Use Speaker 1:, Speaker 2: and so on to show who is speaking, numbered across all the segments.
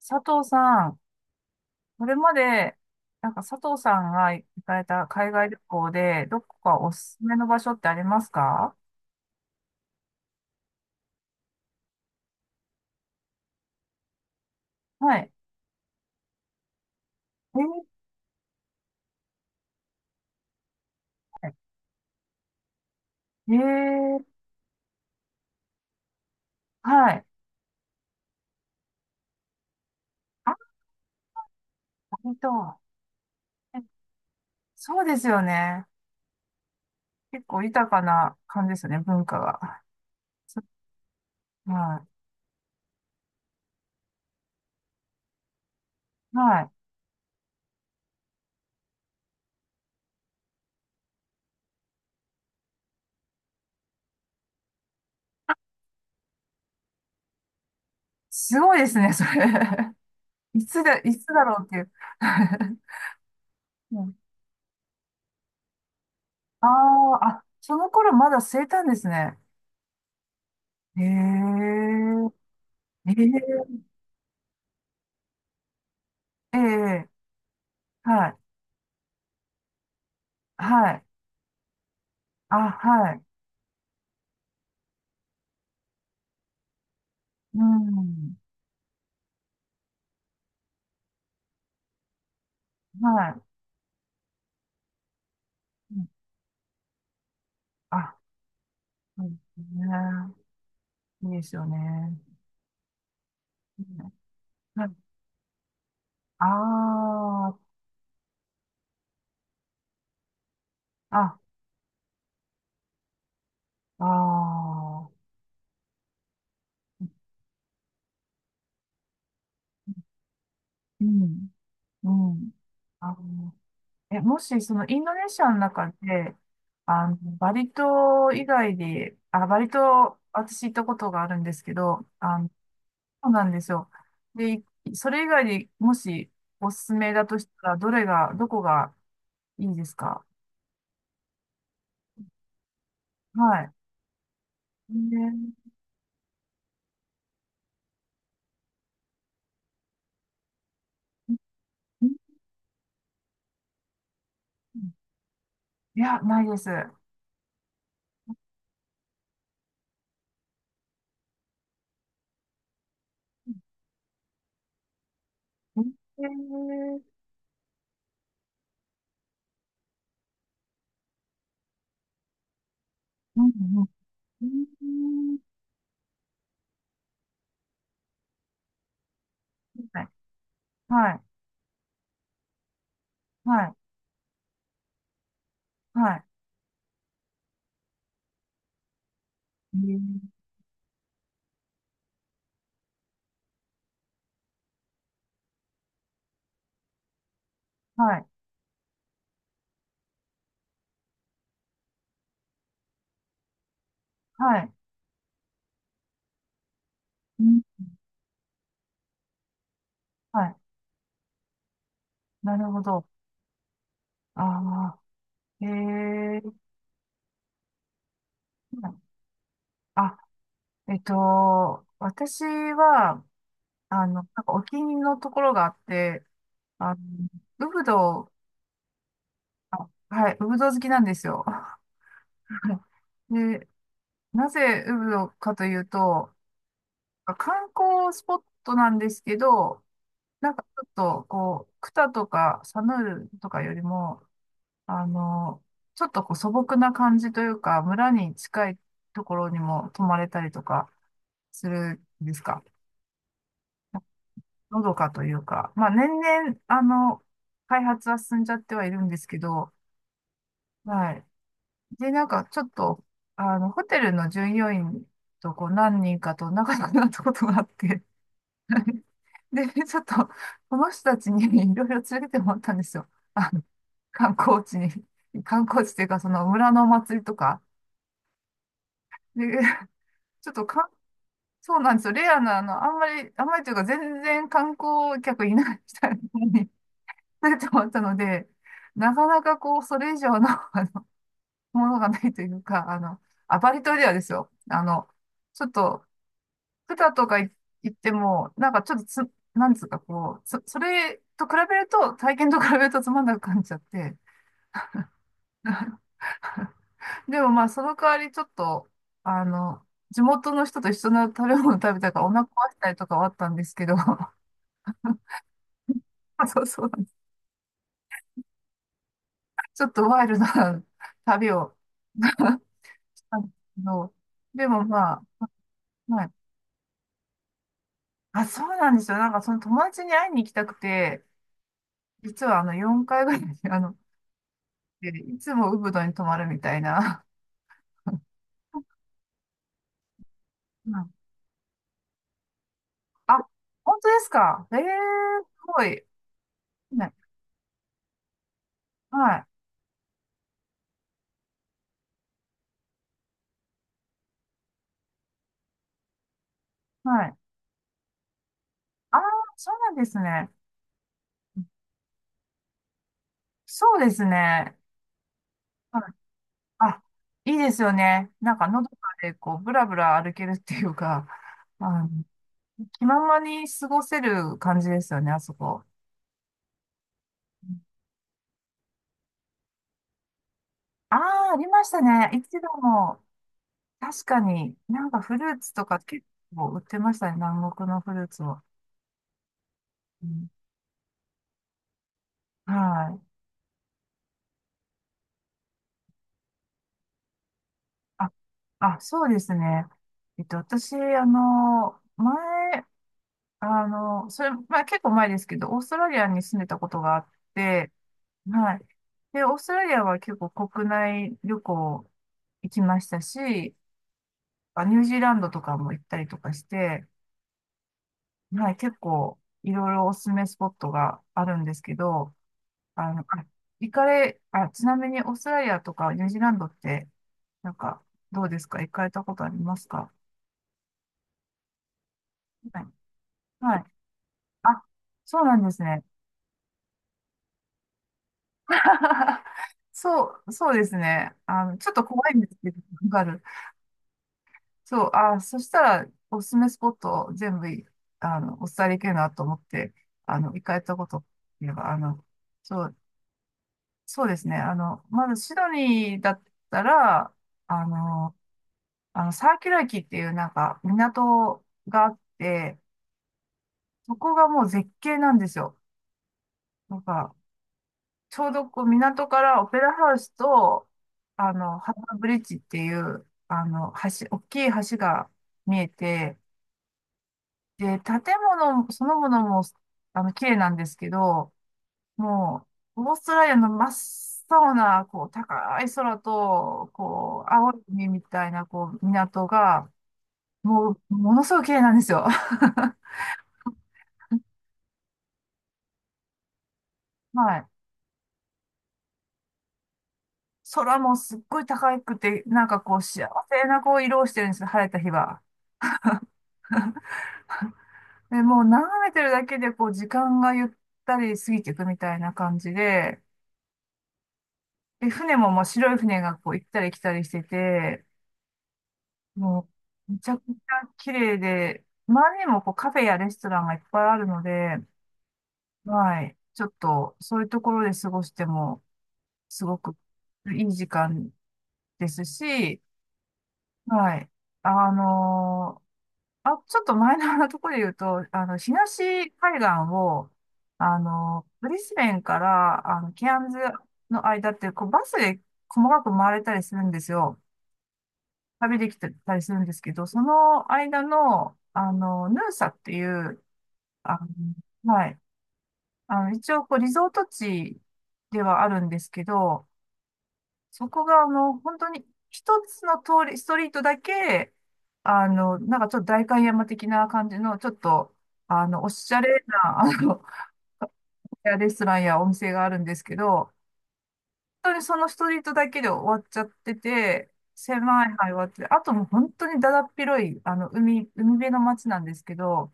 Speaker 1: 佐藤さん、これまで、佐藤さんが行かれた海外旅行で、どこかおすすめの場所ってありますか？はい。えー、えー、はい。あ、割と、えそうですよね。結構豊かな感じですよね、文化が。そはい。はい。すごいですね、それ。いつだ、いつだろうっていう。うん。ああ、あ、その頃まだ生いたんですね。へえ、へえ、ええ。はい。はい。あ、はい。うん。はい。うん。あ、そうですね。いいですよね。うん。はい。ああ、あ、ああ。うん。うん。あの、え、もし、その、インドネシアの中で、あの、バリ島以外で、あ、バリ島、私行ったことがあるんですけど、あの、そうなんですよ。で、それ以外でもし、おすすめだとしたら、どれが、どこがいいですか？はい。えー、うん。いや、ないです。えー。うん。うん。うん。はい。はい、はい、はい、えー、はい、はい、うん、はい、なるほど。ああ、えー、あ、えっと、私は、あの、お気に入りのところがあって、あの、ウブド。あ、はい、ウブドウ好きなんですよ。で、なぜウブドウかというと、観光スポットなんですけど、ちょっと、こう、クタとかサヌールとかよりも、あの、ちょっとこう素朴な感じというか、村に近いところにも泊まれたりとかするんですか。のどかというか、まあ年々、あの、開発は進んじゃってはいるんですけど、はい。で、ちょっと、あの、ホテルの従業員とこう何人かと仲良くなったことがあって、で、ちょっと、この人たちに いろいろ連れてってもらったんですよ。あの、観光地に。観光地っていうか、その村のお祭りとか。で、ちょっとかそうなんですよ。レアな、あの、あんまり、あんまりというか、全然観光客いない人に 連れてもらったので、なかなかこう、それ以上の のものがないというか、あの、アパリ島ではですよ。あの、ちょっと、草とかい言っても、ちょっとなんつうかこう、それと比べると、体験と比べるとつまんなく感じちゃって。でもまあ、その代わりちょっと、あの、地元の人と一緒の食べ物食べたからお腹壊したりとかはあったんですけど、そうそう、ちょっとワイルドな旅を したんですけど、でもまあ、まあ、あ、そうなんですよ。その友達に会いに行きたくて、実はあの4回ぐらい、あの、でいつもウブドに泊まるみたいな。うん。あ、本当ですか？ええ、すごい。ね、はい、はい。ああ、そうなんですね。そうですね。はい。あ、いいですよね。のどかで、こう、ぶらぶら歩けるっていうか、あの、気ままに過ごせる感じですよね、あそこ。ああ、ありましたね。一度も、確かに、フルーツとか結構売ってましたね、南国のフルーツを。うん。はい。あ、あ、そうですね。えっと、私、あの、前、あの、それ、まあ、結構前ですけど、オーストラリアに住んでたことがあって、はい。で、オーストラリアは結構国内旅行行きましたし、あ、ニュージーランドとかも行ったりとかして、はい、結構いろいろおすすめスポットがあるんですけど、あの、行かれ、あ、ちなみにオーストラリアとかニュージーランドって、なんか、どうですか、行かれたことありますか？はい。はい。あ、そうなんですね。そう、そうですね。あの、ちょっと怖いんですけど、わかる。そう、あ、そしたら、おすすめスポットを全部い、あの、お伝えできるなと思って、あの、行かれたことっていうか、あの、そう、そうですね。あの、まずシドニーだったら、あの、あの、サーキュラ駅っていう港があって、そこがもう絶景なんですよ。なんか、ちょうどこう港からオペラハウスと、あの、ハーバーブリッジっていう、あの、橋、大きい橋が見えて、で、建物そのものも、あの、綺麗なんですけど、もう、オーストラリアの真っ青な、こう、高い空と、こう、青い海みたいな、こう、港が、もう、ものすごく綺麗なんですよ。はい。空もすっごい高くて、こう、幸せなこう、色をしてるんですよ、晴れた日は。で、もう眺めてるだけで、こう、時間がゆったり過ぎていくみたいな感じで、で、船も、まあ、白い船がこう、行ったり来たりしてて、もう、めちゃくちゃ綺麗で、周りにもこう、カフェやレストランがいっぱいあるので、はい、ちょっと、そういうところで過ごしても、すごくいい時間ですし、はい、あのあ、ちょっとマイナーなところで言うと、あの、東海岸を、あの、ブリスベンから、あの、ケアンズの間って、こう、バスで細かく回れたりするんですよ。旅できてたりするんですけど、その間の、あの、ヌーサっていう、あの、はい。あの、一応、こう、リゾート地ではあるんですけど、そこがもう本当に一つの通り、ストリートだけ、あの、ちょっと代官山的な感じの、ちょっと、あの、おしゃれな、あの、レストランやお店があるんですけど、本当にそのストリートだけで終わっちゃってて、狭い範囲はあって、あともう本当にだだっ広い、あの、海辺の街なんですけど、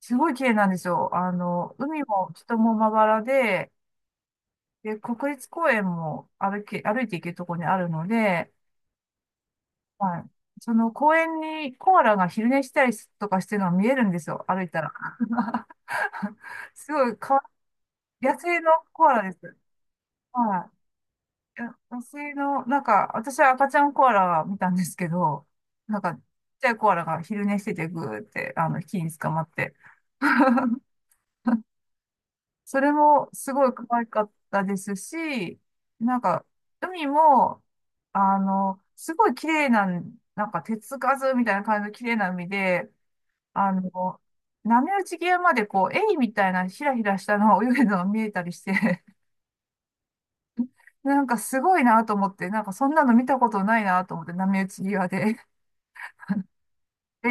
Speaker 1: すごい綺麗なんですよ。あの、海も人もまばらで、で、国立公園も歩いて行けるところにあるので、はい。その公園にコアラが昼寝したりとかしてるのが見えるんですよ、歩いたら。すごいかわ、野生のコアラです。はい。いや野生の、私は赤ちゃんコアラ見たんですけど、ちっちゃいコアラが昼寝しててぐーって、あの、木に捕まって。それもすごい可愛かったですし、なんか、海も、あの、すごい綺麗な、手つかずみたいな感じの綺麗な海で、あの、波打ち際までこう、エイみたいなひらひらしたのが泳いでるのが見えたりして、すごいなと思って、そんなの見たことないなと思って、波打ち際で。で、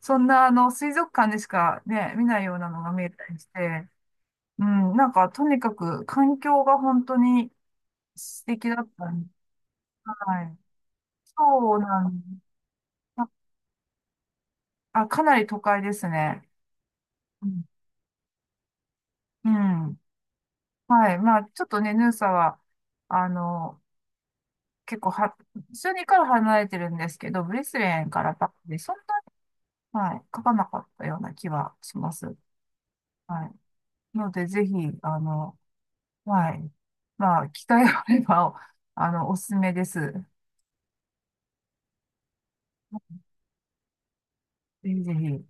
Speaker 1: そんなあの、水族館でしかね、見ないようなのが見えたりして、うん、とにかく環境が本当に素敵だったんで、はい。そうなんあ、かなり都会ですね。うん。うん。はい。まあ、ちょっとね、ヌーサは、あの、結構は、数にから離れてるんですけど、ブリスベンからバックで、そんな、はい、書かなかったような気はします。はい。ので、ぜひ、あの、はい。まあ、機会があれば、あの、おすすめです。ぜひぜひ。